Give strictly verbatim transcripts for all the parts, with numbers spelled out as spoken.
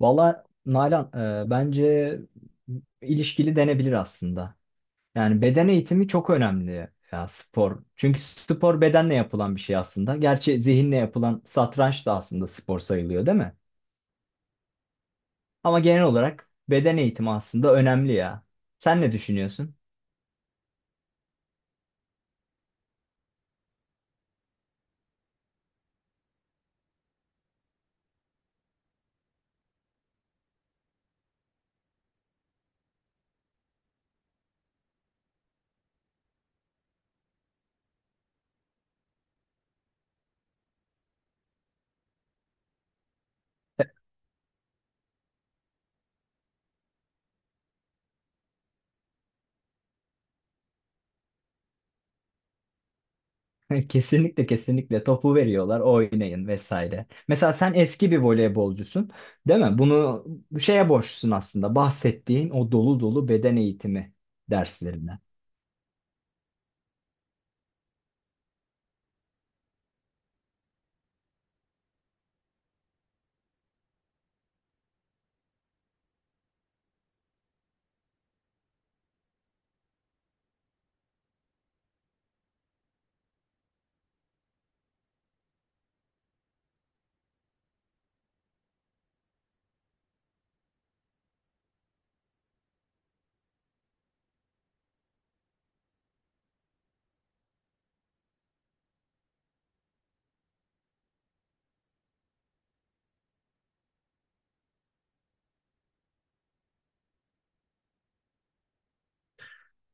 Valla Nalan e, bence ilişkili denebilir aslında. Yani beden eğitimi çok önemli ya spor. Çünkü spor bedenle yapılan bir şey aslında. Gerçi zihinle yapılan satranç da aslında spor sayılıyor değil mi? Ama genel olarak beden eğitimi aslında önemli ya. Sen ne düşünüyorsun? Kesinlikle kesinlikle topu veriyorlar oynayın vesaire. Mesela sen eski bir voleybolcusun değil mi? Bunu şeye borçlusun aslında bahsettiğin o dolu dolu beden eğitimi derslerine.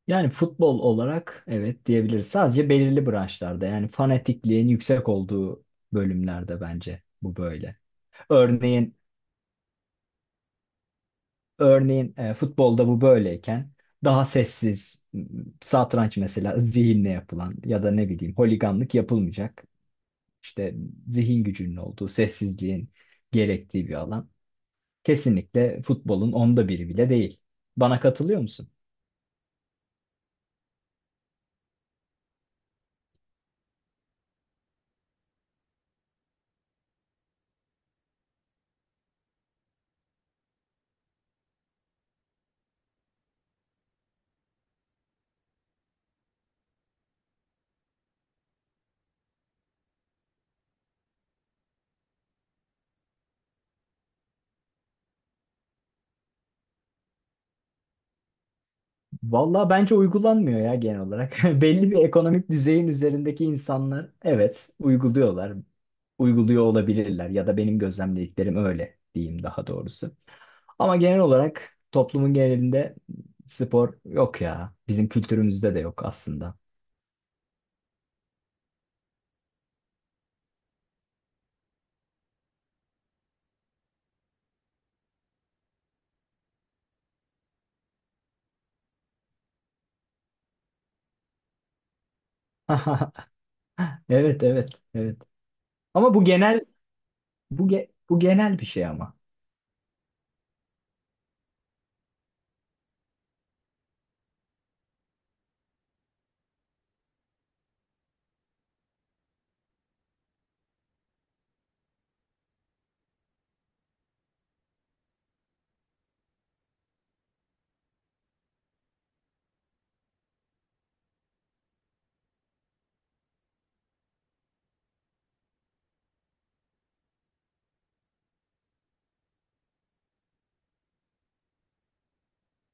Yani futbol olarak evet diyebiliriz. Sadece belirli branşlarda yani fanatikliğin yüksek olduğu bölümlerde bence bu böyle. Örneğin örneğin e, futbolda bu böyleyken daha sessiz m, satranç mesela zihinle yapılan ya da ne bileyim holiganlık yapılmayacak. İşte zihin gücünün olduğu, sessizliğin gerektiği bir alan. Kesinlikle futbolun onda biri bile değil. Bana katılıyor musun? Vallahi bence uygulanmıyor ya genel olarak. Belli bir ekonomik düzeyin üzerindeki insanlar evet uyguluyorlar. Uyguluyor olabilirler ya da benim gözlemlediklerim öyle diyeyim daha doğrusu. Ama genel olarak toplumun genelinde spor yok ya. Bizim kültürümüzde de yok aslında. Evet, evet, evet. Ama bu genel, bu ge- bu genel bir şey ama.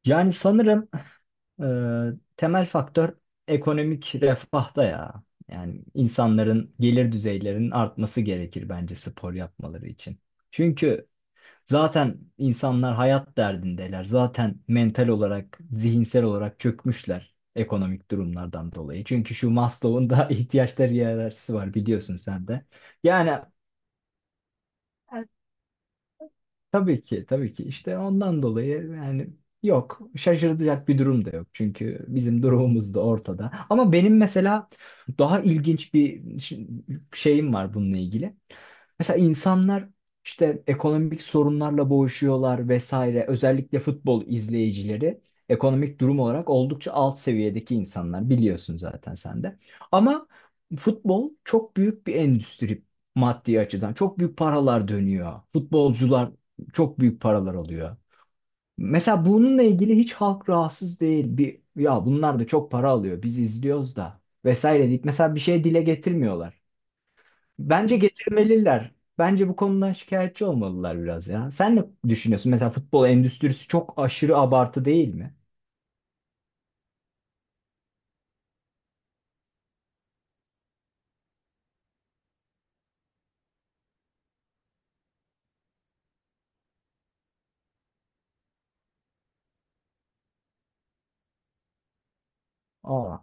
Yani sanırım Ee, temel faktör ekonomik refahta ya. Yani insanların gelir düzeylerinin artması gerekir bence spor yapmaları için. Çünkü zaten insanlar hayat derdindeler. Zaten mental olarak, zihinsel olarak çökmüşler ekonomik durumlardan dolayı. Çünkü şu Maslow'un da ihtiyaçları hiyerarşisi var biliyorsun sen de. Yani tabii ki, tabii ki. İşte ondan dolayı yani yok, şaşırtacak bir durum da yok. Çünkü bizim durumumuz da ortada. Ama benim mesela daha ilginç bir ş- şeyim var bununla ilgili. Mesela insanlar işte ekonomik sorunlarla boğuşuyorlar vesaire. Özellikle futbol izleyicileri ekonomik durum olarak oldukça alt seviyedeki insanlar. Biliyorsun zaten sen de. Ama futbol çok büyük bir endüstri maddi açıdan. Çok büyük paralar dönüyor. Futbolcular çok büyük paralar alıyor. Mesela bununla ilgili hiç halk rahatsız değil. Bir, ya bunlar da çok para alıyor. Biz izliyoruz da vesaire deyip mesela bir şey dile getirmiyorlar. Bence getirmeliler. Bence bu konudan şikayetçi olmalılar biraz ya. Sen ne düşünüyorsun? Mesela futbol endüstrisi çok aşırı abartı değil mi? Aa,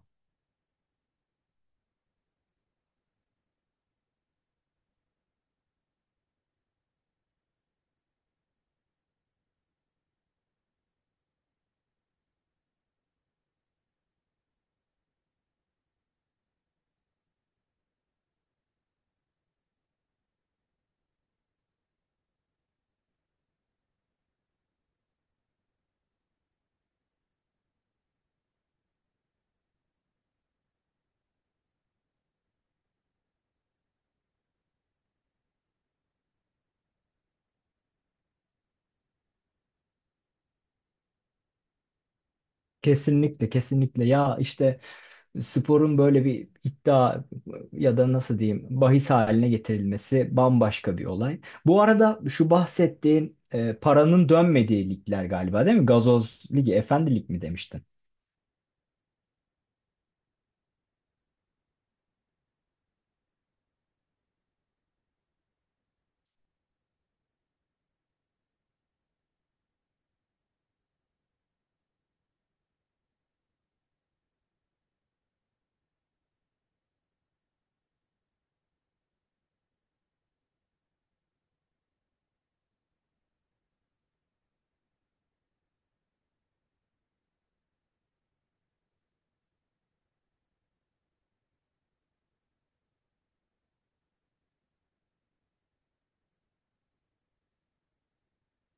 kesinlikle kesinlikle ya işte sporun böyle bir iddia ya da nasıl diyeyim bahis haline getirilmesi bambaşka bir olay. Bu arada şu bahsettiğin e, paranın dönmediği ligler galiba değil mi? Gazoz Ligi, Efendi Lig mi demiştin?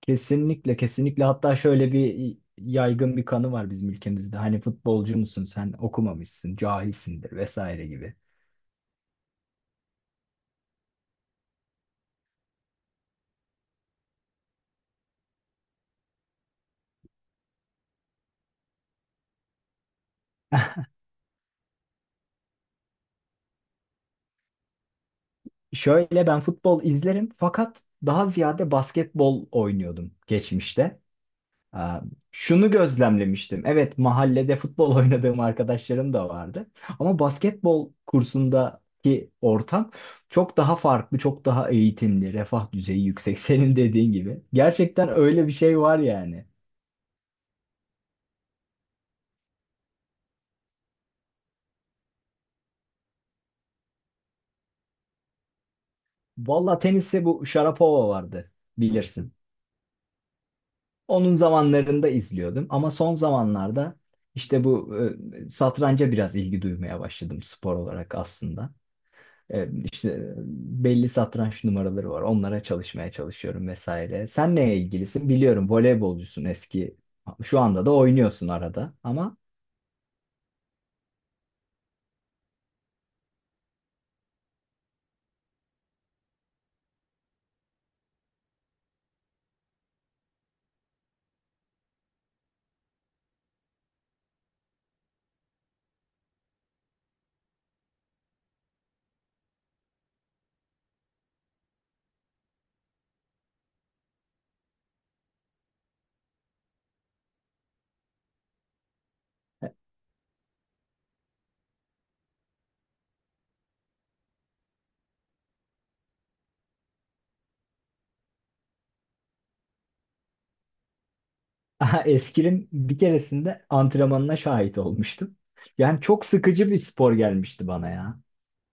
Kesinlikle kesinlikle, hatta şöyle bir yaygın bir kanı var bizim ülkemizde. Hani futbolcu musun sen, okumamışsın, cahilsindir vesaire gibi. Şöyle ben futbol izlerim fakat daha ziyade basketbol oynuyordum geçmişte. Aa, şunu gözlemlemiştim. Evet, mahallede futbol oynadığım arkadaşlarım da vardı. Ama basketbol kursundaki ortam çok daha farklı, çok daha eğitimli, refah düzeyi yüksek. Senin dediğin gibi. Gerçekten öyle bir şey var yani. Valla teniste bu Sharapova vardı, bilirsin. Onun zamanlarında izliyordum ama son zamanlarda işte bu e, satranca biraz ilgi duymaya başladım spor olarak aslında. E, işte belli satranç numaraları var. Onlara çalışmaya çalışıyorum vesaire. Sen neye ilgilisin? Biliyorum voleybolcusun eski. Şu anda da oynuyorsun arada ama eskrim bir keresinde antrenmanına şahit olmuştum. Yani çok sıkıcı bir spor gelmişti bana ya.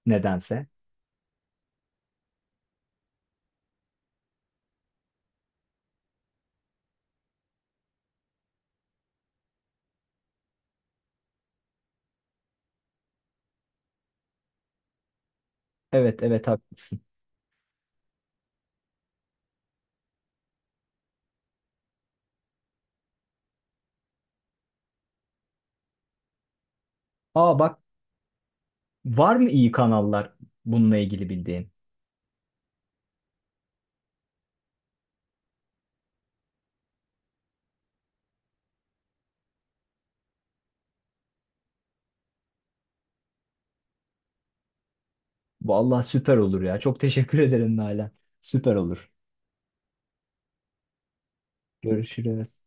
Nedense. Evet, evet, haklısın. Aa bak, var mı iyi kanallar bununla ilgili bildiğin? Vallahi süper olur ya. Çok teşekkür ederim Nalan. Süper olur. Görüşürüz.